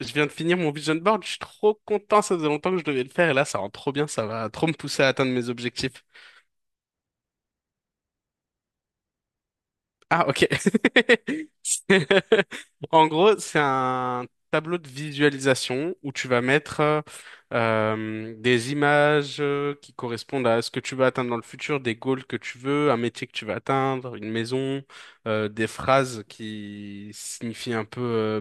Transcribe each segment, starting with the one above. Je viens de finir mon vision board, je suis trop content, ça faisait longtemps que je devais le faire et là ça rend trop bien, ça va trop me pousser à atteindre mes objectifs. Ah ok. C'est- En gros, c'est un tableau de visualisation où tu vas mettre des images qui correspondent à ce que tu veux atteindre dans le futur, des goals que tu veux, un métier que tu veux atteindre, une maison, des phrases qui signifient un peu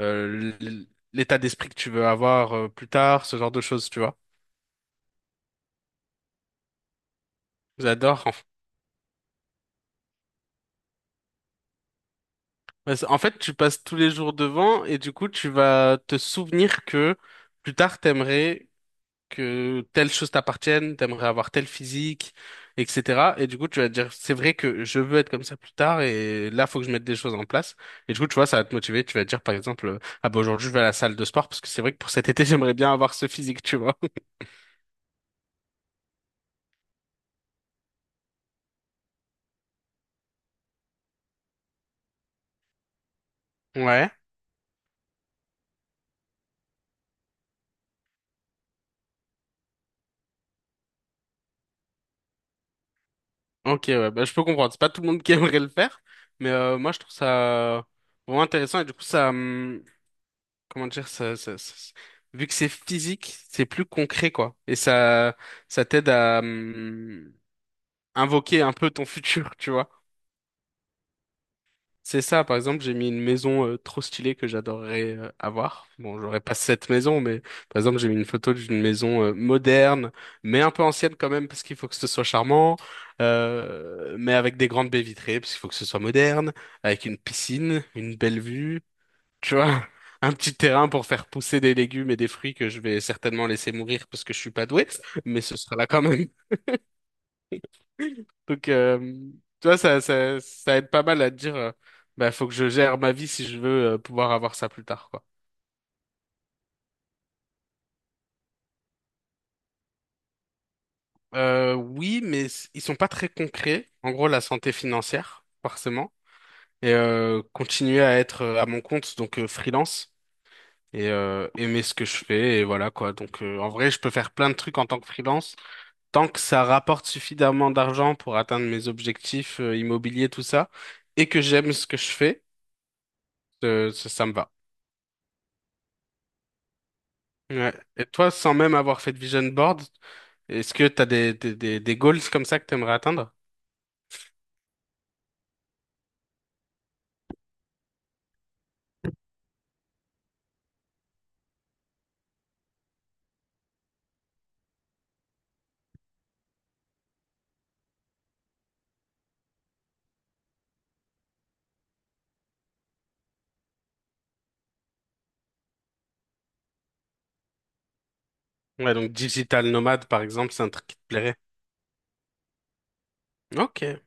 euh, l- l'état d'esprit que tu veux avoir plus tard, ce genre de choses, tu vois. J'adore. En fait, tu passes tous les jours devant et du coup, tu vas te souvenir que plus tard, t'aimerais que telle chose t'appartienne, t'aimerais avoir tel physique, etc. Et du coup, tu vas te dire, c'est vrai que je veux être comme ça plus tard et là, faut que je mette des choses en place. Et du coup, tu vois, ça va te motiver. Tu vas te dire, par exemple, ah bah aujourd'hui, je vais à la salle de sport parce que c'est vrai que pour cet été, j'aimerais bien avoir ce physique, tu vois. Ouais, ok, ouais, bah, je peux comprendre. C'est pas tout le monde qui aimerait le faire, mais moi je trouve ça vraiment intéressant et du coup ça, comment dire, vu que c'est physique, c'est plus concret, quoi. Et ça t'aide à invoquer un peu ton futur, tu vois. C'est ça, par exemple, j'ai mis une maison trop stylée que j'adorerais avoir. Bon, j'aurais pas cette maison, mais par exemple, j'ai mis une photo d'une maison moderne, mais un peu ancienne quand même, parce qu'il faut que ce soit charmant, mais avec des grandes baies vitrées, parce qu'il faut que ce soit moderne, avec une piscine, une belle vue. Tu vois, un petit terrain pour faire pousser des légumes et des fruits que je vais certainement laisser mourir parce que je suis pas doué, mais ce sera là quand même. Donc, tu vois, ça aide pas mal à te dire, bah, faut que je gère ma vie si je veux pouvoir avoir ça plus tard, quoi. Oui, mais ils sont pas très concrets. En gros, la santé financière, forcément, et continuer à être à mon compte, donc freelance, et aimer ce que je fais, et voilà, quoi. Donc, en vrai, je peux faire plein de trucs en tant que freelance. Tant que ça rapporte suffisamment d'argent pour atteindre mes objectifs immobiliers, tout ça, et que j'aime ce que je fais, ça, ça me va. Ouais. Et toi, sans même avoir fait de vision board, est-ce que t'as des, goals comme ça que t'aimerais atteindre? Ouais, donc digital nomade, par exemple, c'est un truc qui te plairait. Ok.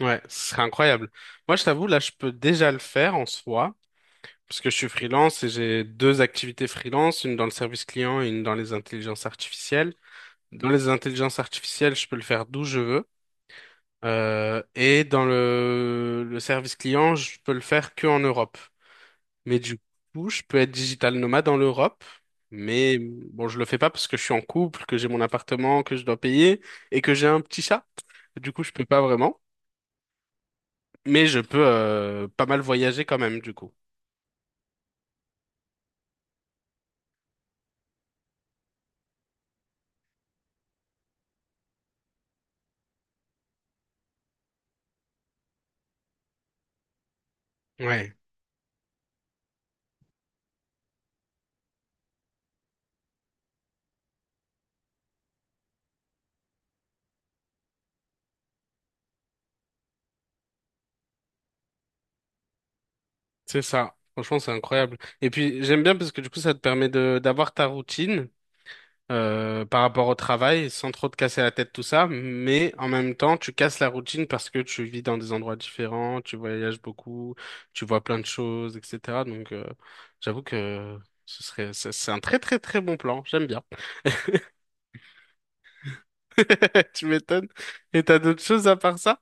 Ouais, ce serait incroyable. Moi, je t'avoue, là, je peux déjà le faire en soi, parce que je suis freelance et j'ai deux activités freelance, une dans le service client et une dans les intelligences artificielles. Dans les intelligences artificielles, je peux le faire d'où je veux. Et dans le service client, je peux le faire que en Europe. Mais du coup, je peux être digital nomade en Europe. Mais bon, je le fais pas parce que je suis en couple, que j'ai mon appartement, que je dois payer et que j'ai un petit chat. Du coup, je peux pas vraiment. Mais je peux pas mal voyager quand même, du coup. Ouais, c'est ça. Franchement, c'est incroyable. Et puis, j'aime bien parce que du coup, ça te permet de d'avoir ta routine par rapport au travail, sans trop te casser la tête, tout ça, mais en même temps, tu casses la routine parce que tu vis dans des endroits différents, tu voyages beaucoup, tu vois plein de choses, etc. Donc, j'avoue que ce serait, c'est un très très très bon plan, j'aime bien. Tu m'étonnes. Et t'as d'autres choses à part ça?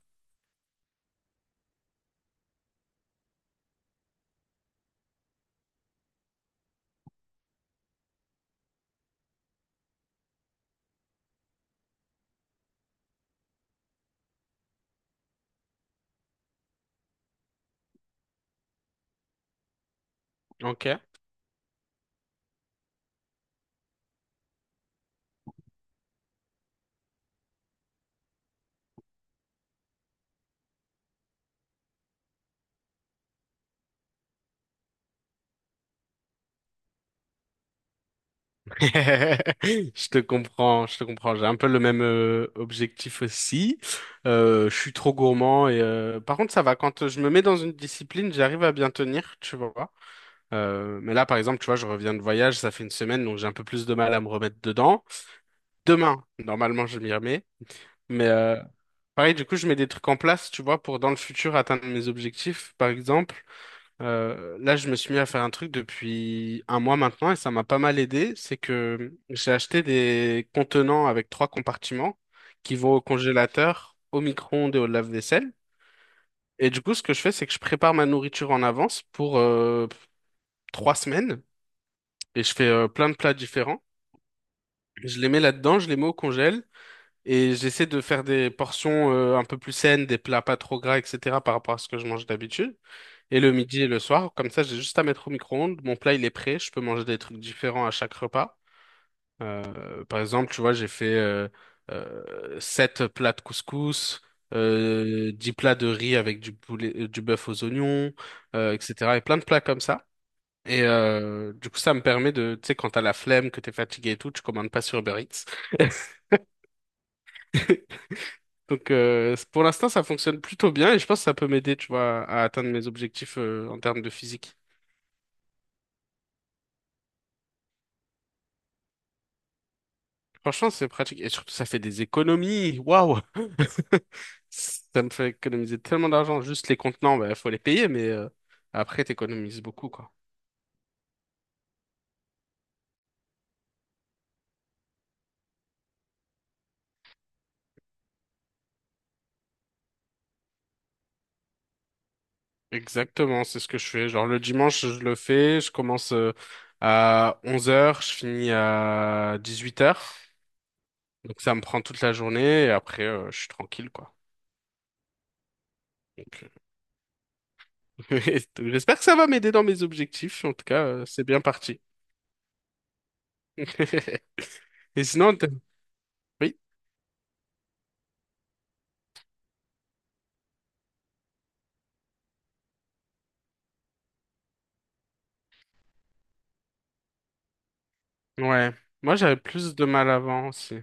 Ok. Je te comprends, je te comprends. J'ai un peu le même objectif aussi. Je suis trop gourmand et par contre ça va. Quand je me mets dans une discipline, j'arrive à bien tenir, tu vois. Mais là, par exemple, tu vois, je reviens de voyage, ça fait une semaine, donc j'ai un peu plus de mal à me remettre dedans. Demain, normalement, je m'y remets. Mais pareil, du coup, je mets des trucs en place, tu vois, pour dans le futur atteindre mes objectifs. Par exemple, là, je me suis mis à faire un truc depuis un mois maintenant et ça m'a pas mal aidé. C'est que j'ai acheté des contenants avec trois compartiments qui vont au congélateur, au micro-ondes et au lave-vaisselle. Et du coup, ce que je fais, c'est que je prépare ma nourriture en avance pour 3 semaines. Et je fais plein de plats différents. Je les mets là-dedans, je les mets au congèle et j'essaie de faire des portions un peu plus saines, des plats pas trop gras, etc. par rapport à ce que je mange d'habitude. Et le midi et le soir, comme ça, j'ai juste à mettre au micro-ondes. Mon plat, il est prêt. Je peux manger des trucs différents à chaque repas. Par exemple, tu vois, j'ai fait 7 plats de couscous. 10 plats de riz avec du poulet, du bœuf aux oignons, etc. Et plein de plats comme ça. Et du coup, ça me permet de, tu sais, quand t'as la flemme, que t'es fatigué et tout, tu commandes pas sur Uber Eats. Donc, pour l'instant, ça fonctionne plutôt bien et je pense que ça peut m'aider, tu vois, à atteindre mes objectifs en termes de physique. Franchement, c'est pratique et surtout, ça fait des économies. Waouh! Ça me fait économiser tellement d'argent. Juste les contenants, bah, faut les payer, mais après, t'économises beaucoup, quoi. Exactement, c'est ce que je fais. Genre, le dimanche, je le fais. Je commence à 11h, je finis à 18h. Donc ça me prend toute la journée et après je suis tranquille quoi. Donc, euh, donc, j'espère que ça va m'aider dans mes objectifs. En tout cas, c'est bien parti. Et sinon, oui, ouais. Moi j'avais plus de mal avant aussi.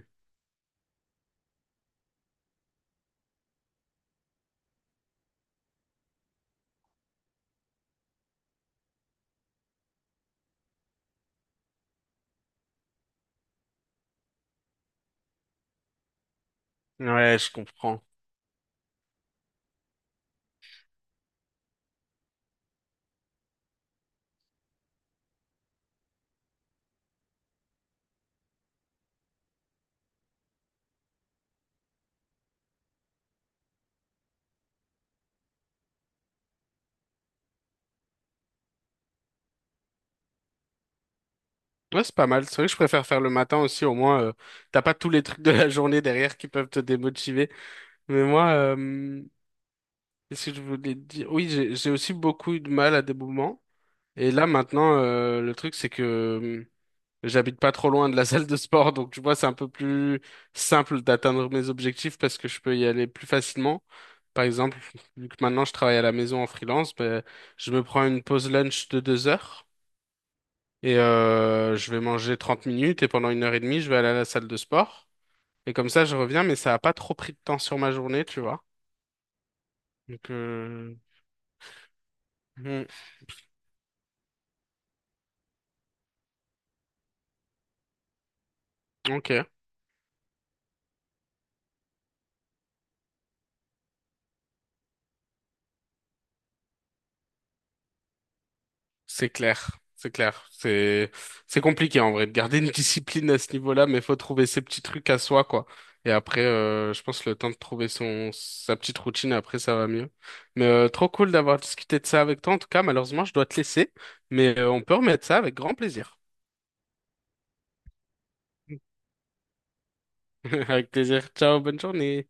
Ouais, je comprends. Ouais, c'est pas mal. C'est vrai que je préfère faire le matin aussi. Au moins, t'as pas tous les trucs de la journée derrière qui peuvent te démotiver. Mais moi, qu'est-ce que je voulais te dire? Oui, j'ai aussi beaucoup eu de mal à des moments. Et là maintenant, le truc c'est que j'habite pas trop loin de la salle de sport, donc tu vois, c'est un peu plus simple d'atteindre mes objectifs parce que je peux y aller plus facilement. Par exemple, vu que maintenant je travaille à la maison en freelance, ben, je me prends une pause lunch de 2 heures et je vais manger 30 minutes et pendant une heure et demie, je vais aller à la salle de sport. Et comme ça, je reviens, mais ça a pas trop pris de temps sur ma journée, tu vois. Donc, hmm, ok. C'est clair, c'est clair. C'est compliqué en vrai de garder une discipline à ce niveau-là, mais faut trouver ses petits trucs à soi, quoi. Et après, je pense le temps de trouver son sa petite routine, après ça va mieux. Mais trop cool d'avoir discuté de ça avec toi. En tout cas, malheureusement, je dois te laisser, mais on peut remettre ça avec grand plaisir. Avec plaisir. Ciao, bonne journée.